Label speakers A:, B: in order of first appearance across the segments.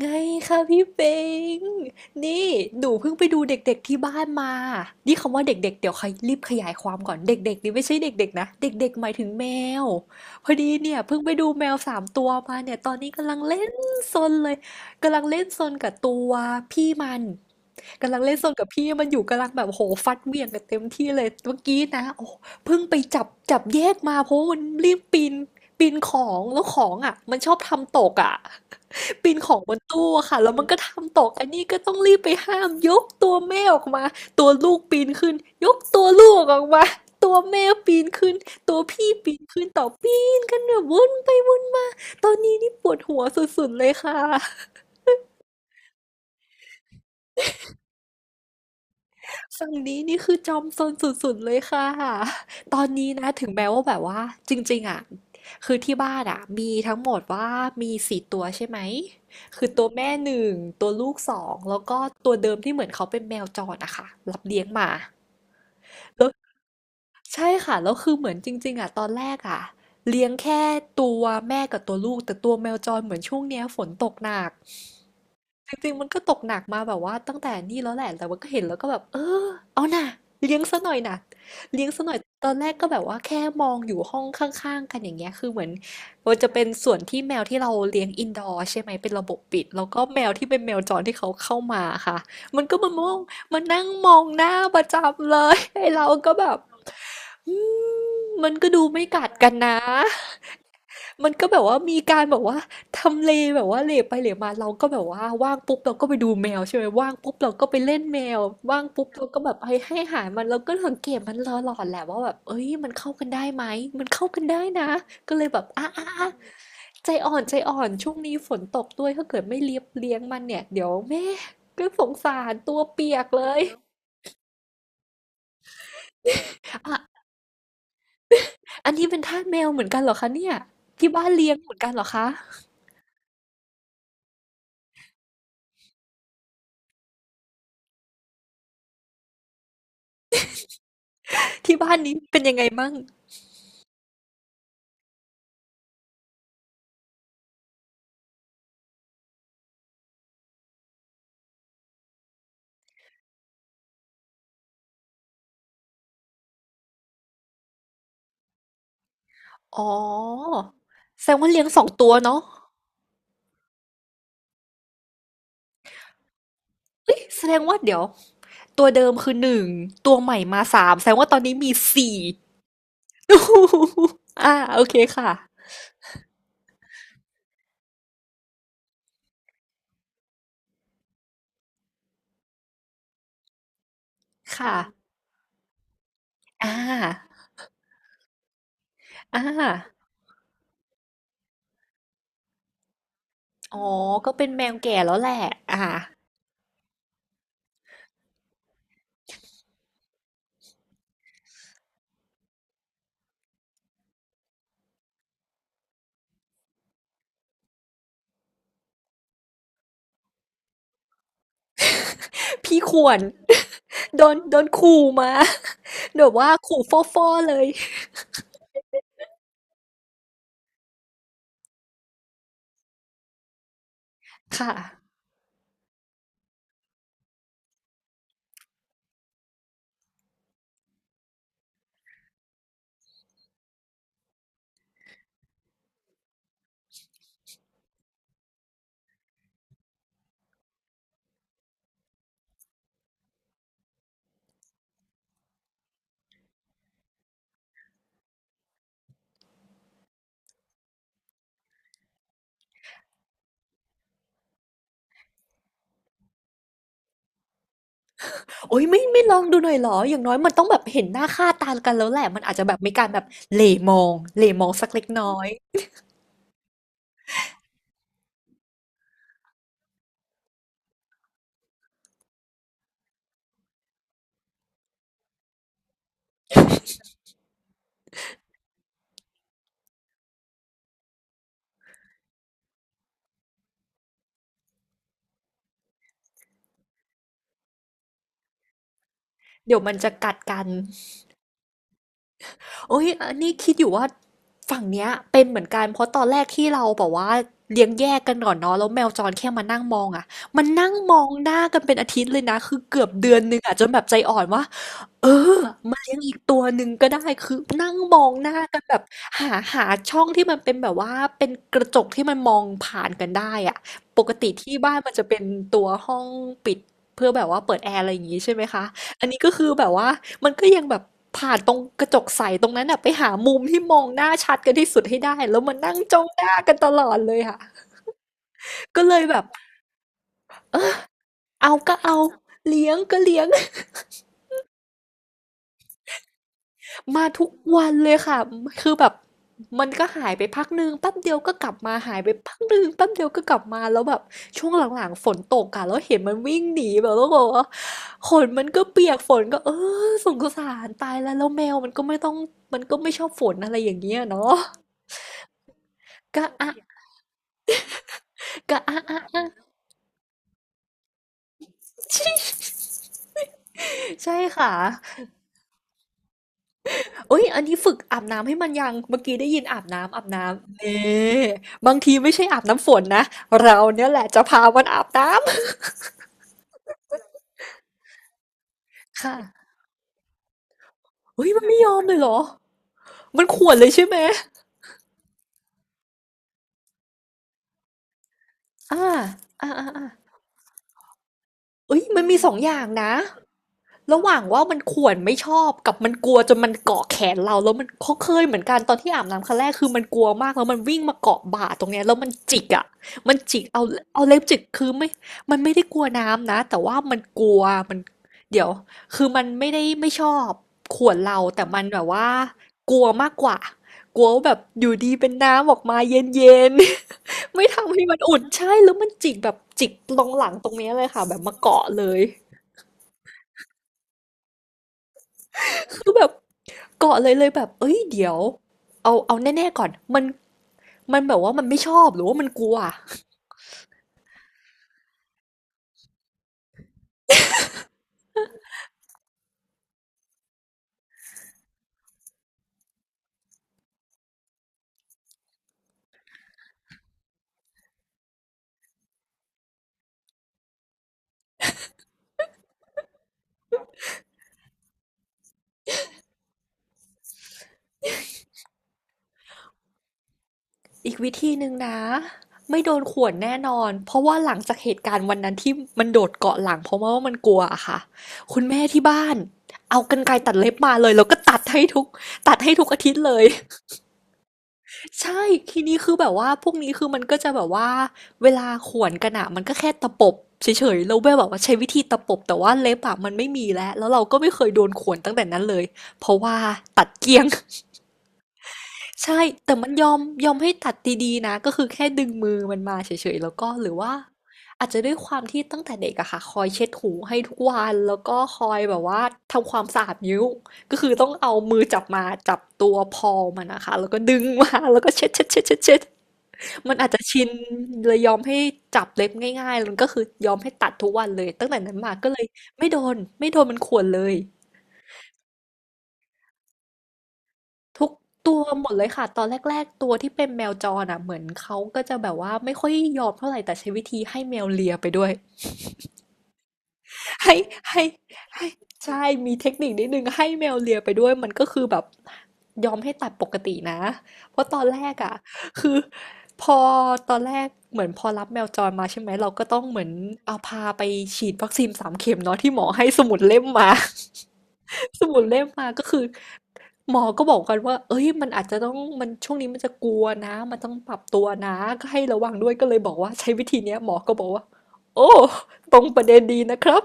A: ไงคะพี่เป็งนี่หนูเพิ่งไปดูเด็กๆที่บ้านมา นี่คำว่าเด็กๆเดี๋ยวใครรีบขยายความก่อนเด็กๆนี่ไม่ใช่เด็กๆนะเด็กๆหมายถึงแมวพอดีเนี่ยเพิ่งไปดูแมวสามตัวมาเนี่ยตอนนี้กำลังเล่นซนเลย กำลังเล่นซนกับตัวพี่มัน กำลังเล่นสนกับพี่มันอยู่กำลังแบบโหฟัดเหวี่ยงกันเต็มที่เลยเมื่อกี้นะโอ้เพิ่งไปจับแยกมาเพราะว่ามันรีบปีนของแล้วของอ่ะมันชอบทำตกอ่ะ ปีนของบนตู้อะค่ะแล้วมันก็ทำตกอันนี้ก็ต้องรีบไปห้ามยกตัวแม่ออกมาตัวลูกปีนขึ้นยกตัวลูกออกมาตัวแม่ปีนขึ้นตัวพี่ปีนขึ้นต่อปีนกันแบบวนไปวนมาตอนนี้นี่ปวดหัวสุดๆเลยค่ะ ฝั่งนี้นี่คือจอมซนสุดๆเลยค่ะ ตอนนี้นะถึงแม้ว่าแบบว่าจริงๆอ่ะคือที่บ้านอ่ะมีทั้งหมดว่ามีสี่ตัวใช่ไหมคือตัวแม่หนึ่งตัวลูกสองแล้วก็ตัวเดิมที่เหมือนเขาเป็นแมวจรอะค่ะรับเลี้ยงมาแล้วใช่ค่ะแล้วคือเหมือนจริงๆอ่ะตอนแรกอ่ะเลี้ยงแค่ตัวแม่กับตัวลูกแต่ตัวแมวจรเหมือนช่วงเนี้ยฝนตกหนัก จริงๆมันก็ตกหนักมาแบบว่าตั้งแต่นี่แล้วแหละแต่ว่าก็เห็นแล้วก็แบบเออเอาน่ะเลี้ยงซะหน่อยน่ะเลี้ยงซะหน่อยตอนแรกก็แบบว่าแค่มองอยู่ห้องข้างๆกันอย่างเงี้ยคือเหมือนมันจะเป็นส่วนที่แมวที่เราเลี้ยงอินดอร์ใช่ไหมเป็นระบบปิดแล้วก็แมวที่เป็นแมวจรที่เขาเข้ามาค่ะมันก็มามองมานั่งมองหน้าประจำเลยไอ้เราก็แบบอืมมันก็ดูไม่กัดกันนะ มันก็แบบว่ามีการแบบว่าทำเลแบบว่าเหลไปเหลมาเราก็แบบว่าว่างปุ๊บเราก็ไปดูแมวใช่ไหมว่างปุ๊บเราก็ไปเล่นแมวว่างปุ๊บเราก็แบบให้อาหารมันเราก็สังเกตมันตลอดแหละว่าแบบเอ้ยมันเข้ากันได้ไหมมันเข้ากันได้นะก็เลยแบบอ่ะอ่ะอ่ะใจอ่อนใจอ่อนช่วงนี้ฝนตกด้วยถ้าเกิดไม่เลี้ยงมันเนี่ยเดี๋ยวแม่ก็สงสารตัวเปียกเลยอ่ะอันนี้เป็นทาสแมวเหมือนกันเหรอคะเนี่ยที่บ้านเลี้ยงเหมือนกันเหรอคะที่บ้านนี้เป็นยังไงมั่ง อ๋อแสดงว่าเลี้ยงสองตัวเนาะแสดงว่าเดี๋ยวตัวเดิมคือหนึ่งตัวใหม่มาสามแสดงว่าตอนนี้มีสี่ อ่าโอเคค่ะค่ะอ่าอ่าอ๋อก็เป็นแมวแก่แล้วแหละอ่าพี่ควร โดนขู่มา แบบว่าขู่ฟ่อๆเลยค่ะโอ้ยไม่ลองดูหน่อยเหรออย่างน้อยมันต้องแบบเห็นหน้าค่าตากันแล้วแหละมันอาจจะแบบมีการแบบเหล่มองเหล่มองสักเล็กน้อย เดี๋ยวมันจะกัดกันโอ้ยอันนี้คิดอยู่ว่าฝั่งเนี้ยเป็นเหมือนกัน เพราะตอนแรกที่เราบอกว่าเลี้ยงแยกกันก่อนเนาะแล้วแมวจรแค่มานั่งมองอ่ะมันนั่งมองหน้ากันเป็นอาทิตย์เลยนะ คือเกือบเดือนหนึงอ่ะจนแบบใจอ่อนว่า เออมาเลี้ยงอีกตัวหนึ่งก็ได้คือนั่งมองหน้ากันแบบหาช่องที่มันเป็นแบบว่าเป็นกระจกที่มันมองผ่านกันได้อะปกติที่บ้านมันจะเป็นตัวห้องปิดเพื่อแบบว่าเปิดแอร์อะไรอย่างงี้ใช่ไหมคะอันนี้ก็คือแบบว่ามันก็ยังแบบผ่านตรงกระจกใสตรงนั้นอะไปหามุมที่มองหน้าชัดกันที่สุดให้ได้แล้วมันนั่งจ้องหน้ากันตลอดเลยค่ะก็เลยแบบเอาก็เอาเลี้ยงก็เลี้ยง มาทุกวันเลยค่ะ คือแบบมันก็หายไปพักหนึ่งแป๊บเดียวก็กลับมาหายไปพักหนึ่งแป๊บเดียวก็กลับมาแล้วแบบช่วงหลังๆฝนตกอะแล้วเห็นมันวิ่งหนีแบบแล้วก็บอกว่าขนมันก็เปียกฝนก็เออสงสารตายแล้วแล้วแมวมันก็ไม่ต้องมันก็ไม่ชอบฝนอะไรอย่างเงี้ยเนาะก็อะกะอะอะอะใช่ค่ะเอ้ยอันนี้ฝึกอาบน้ำให้มันยังเมื่อกี้ได้ยินอาบน้ำอาบน้ำเน่บางทีไม่ใช่อาบน้ำฝนนะเราเนี่ยแหละจะพามันอาบน้ำค่ะ เฮ้ยมันไม่ยอมเลยเหรอ มันข่วนเลยใช่ไหม อ่าอ่าอ่าอ่าเอ้ยมันมีสองอย่างนะ ระหว่างว่ามันข่วนไม่ชอบกับมันกลัวจนมันเกาะแขนเราแล้วมันเขาเคยเหมือนกันตอนที่อาบน้ำครั้งแรกคือมันกลัวมากแล้วมันวิ่งมาเกาะบ่าตรงเนี้ยแล้วมันจิกอ่ะมันจิกเอาเอาเล็บจิกคือไม่มันไม่ได้กลัวน้ำนะแต่ว่ามันกลัวมันเดี๋ยวคือมันไม่ได้ไม่ชอบข่วนเราแต่มันแบบว่ากลัวมากกว่ากลัวว่าแบบอยู่ดีเป็นน้ำออกมาเย็นๆ ไม่ทำให้มันอุ่นใช่แล้วมันจิกแบบจิกตรงหลังตรงเนี้ยเลยค่ะแบบมาเกาะเลยคือแบบ เกาอเลยแบบเอ้ยเดี๋ยวเอาแน่ๆก่อนมันแบบว่ามันไม่ชอบหรือว่ามันกลัวอีกวิธีหนึ่งนะไม่โดนข่วนแน่นอนเพราะว่าหลังจากเหตุการณ์วันนั้นที่มันโดดเกาะหลังเพราะว่ามันกลัวอะค่ะคุณแม่ที่บ้านเอากรรไกรตัดเล็บมาเลยแล้วก็ตัดให้ทุกอาทิตย์เลย ใช่ทีนี้คือแบบว่าพวกนี้คือมันก็จะแบบว่าเวลาข่วนกันอะมันก็แค่ตะปบเฉยๆแล้วแบบอกว่าใช้วิธีตะปบแต่ว่าเล็บอะมันไม่มีแล้วแล้วเราก็ไม่เคยโดนข่วนตั้งแต่นั้นเลยเพราะว่าตัดเกลี้ยง ใช่แต่มันยอมยอมให้ตัดดีๆนะก็คือแค่ดึงมือมันมาเฉยๆแล้วก็หรือว่าอาจจะด้วยความที่ตั้งแต่เด็กอะค่ะคอยเช็ดหูให้ทุกวันแล้วก็คอยแบบว่าทำความสะอาดนิ้วก็คือต้องเอามือจับมาจับตัวพอมันนะคะแล้วก็ดึงมาแล้วก็เช็ด มันอาจจะชินเลยยอมให้จับเล็บง่ายๆมันก็คือยอมให้ตัดทุกวันเลยตั้งแต่นั้นมาก็เลยไม่โดนมันข่วนเลยทุกตัวหมดเลยค่ะตอนแรกๆตัวที่เป็นแมวจรอ่ะเหมือนเขาก็จะแบบว่าไม่ค่อยยอมเท่าไหร่แต่ใช้วิธีให้แมวเลียไปด้วย ให้ให้ให้ใช่ มีเทคนิคนิดนึงให้แมวเลียไปด้วย มันก็คือแบบยอมให้ตัดปกตินะ เพราะตอนแรกอ่ะคือพอตอนแรกเหมือนพอรับแมวจรมาใช่ไหมเราก็ต้องเหมือนเอาพาไปฉีดวัคซีนสามเข็มเนาะที่หมอให้สมุดเล่มมา สมุดเล่มมาก็คือหมอก็บอกกันว่าเอ้ยมันอาจจะต้องมันช่วงนี้มันจะกลัวนะมันต้องปรับตัวนะก็ให้ระวังด้วยก็เลยบอกว่าใช้วิธีเนี้ยหมอก็บอกว่าโอ้ตรงประเด็นดีนะครับ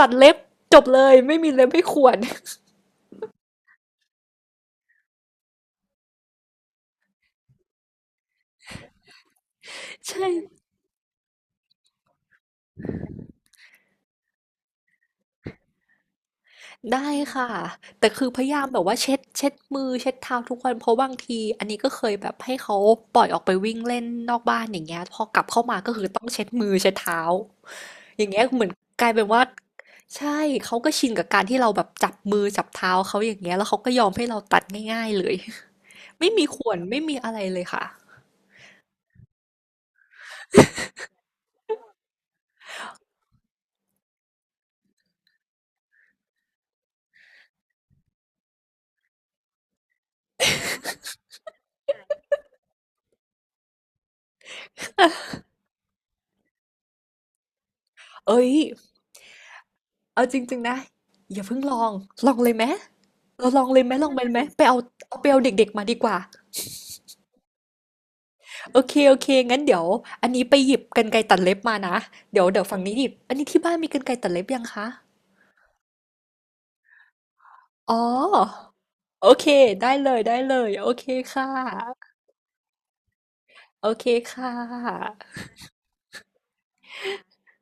A: ตัดเล็บจบเลยไม่มีเล็บให้ข่วน ใช่ได้ค่ะแต่คือพยายามแบบว่าเช็ดมือเช็ดเท้าทุกวันเพราะบางทีอันนี้ก็เคยแบบให้เขาปล่อยออกไปวิ่งเล่นนอกบ้านอย่างเงี้ยพอกลับเข้ามาก็คือต้องเช็ดมือเช็ดเท้าอย่างเงี้ยเหมือนกลายเป็นว่าใช่เขาก็ชินกับการที่เราแบบจับมือจับเท้าเขาอย่างเงี้ยแล้วเขาก็ยอมให้เราตัดง่ายๆเลย ไม่มีข่วนไม่มีอะไรเลยค่ะเอ้ยเอาจริงๆนะอย่าเพิ่งลองลองเลยไหม เราลองเลยไหมลองเป็นไหมไปเอาเอาไปเอาเด็กๆมาดีกว่าโอเคงั้นเดี๋ยวอันนี้ไปหยิบกรรไกรตัดเล็บมานะเดี๋ยวเดี๋ยวฝั่งนี้หยิบอันนี้ที่บ้านมีกรรไกรตัดเล็บยังคะอ๋อโอเคได้เลยโอเคค่ะโอเคค่ะ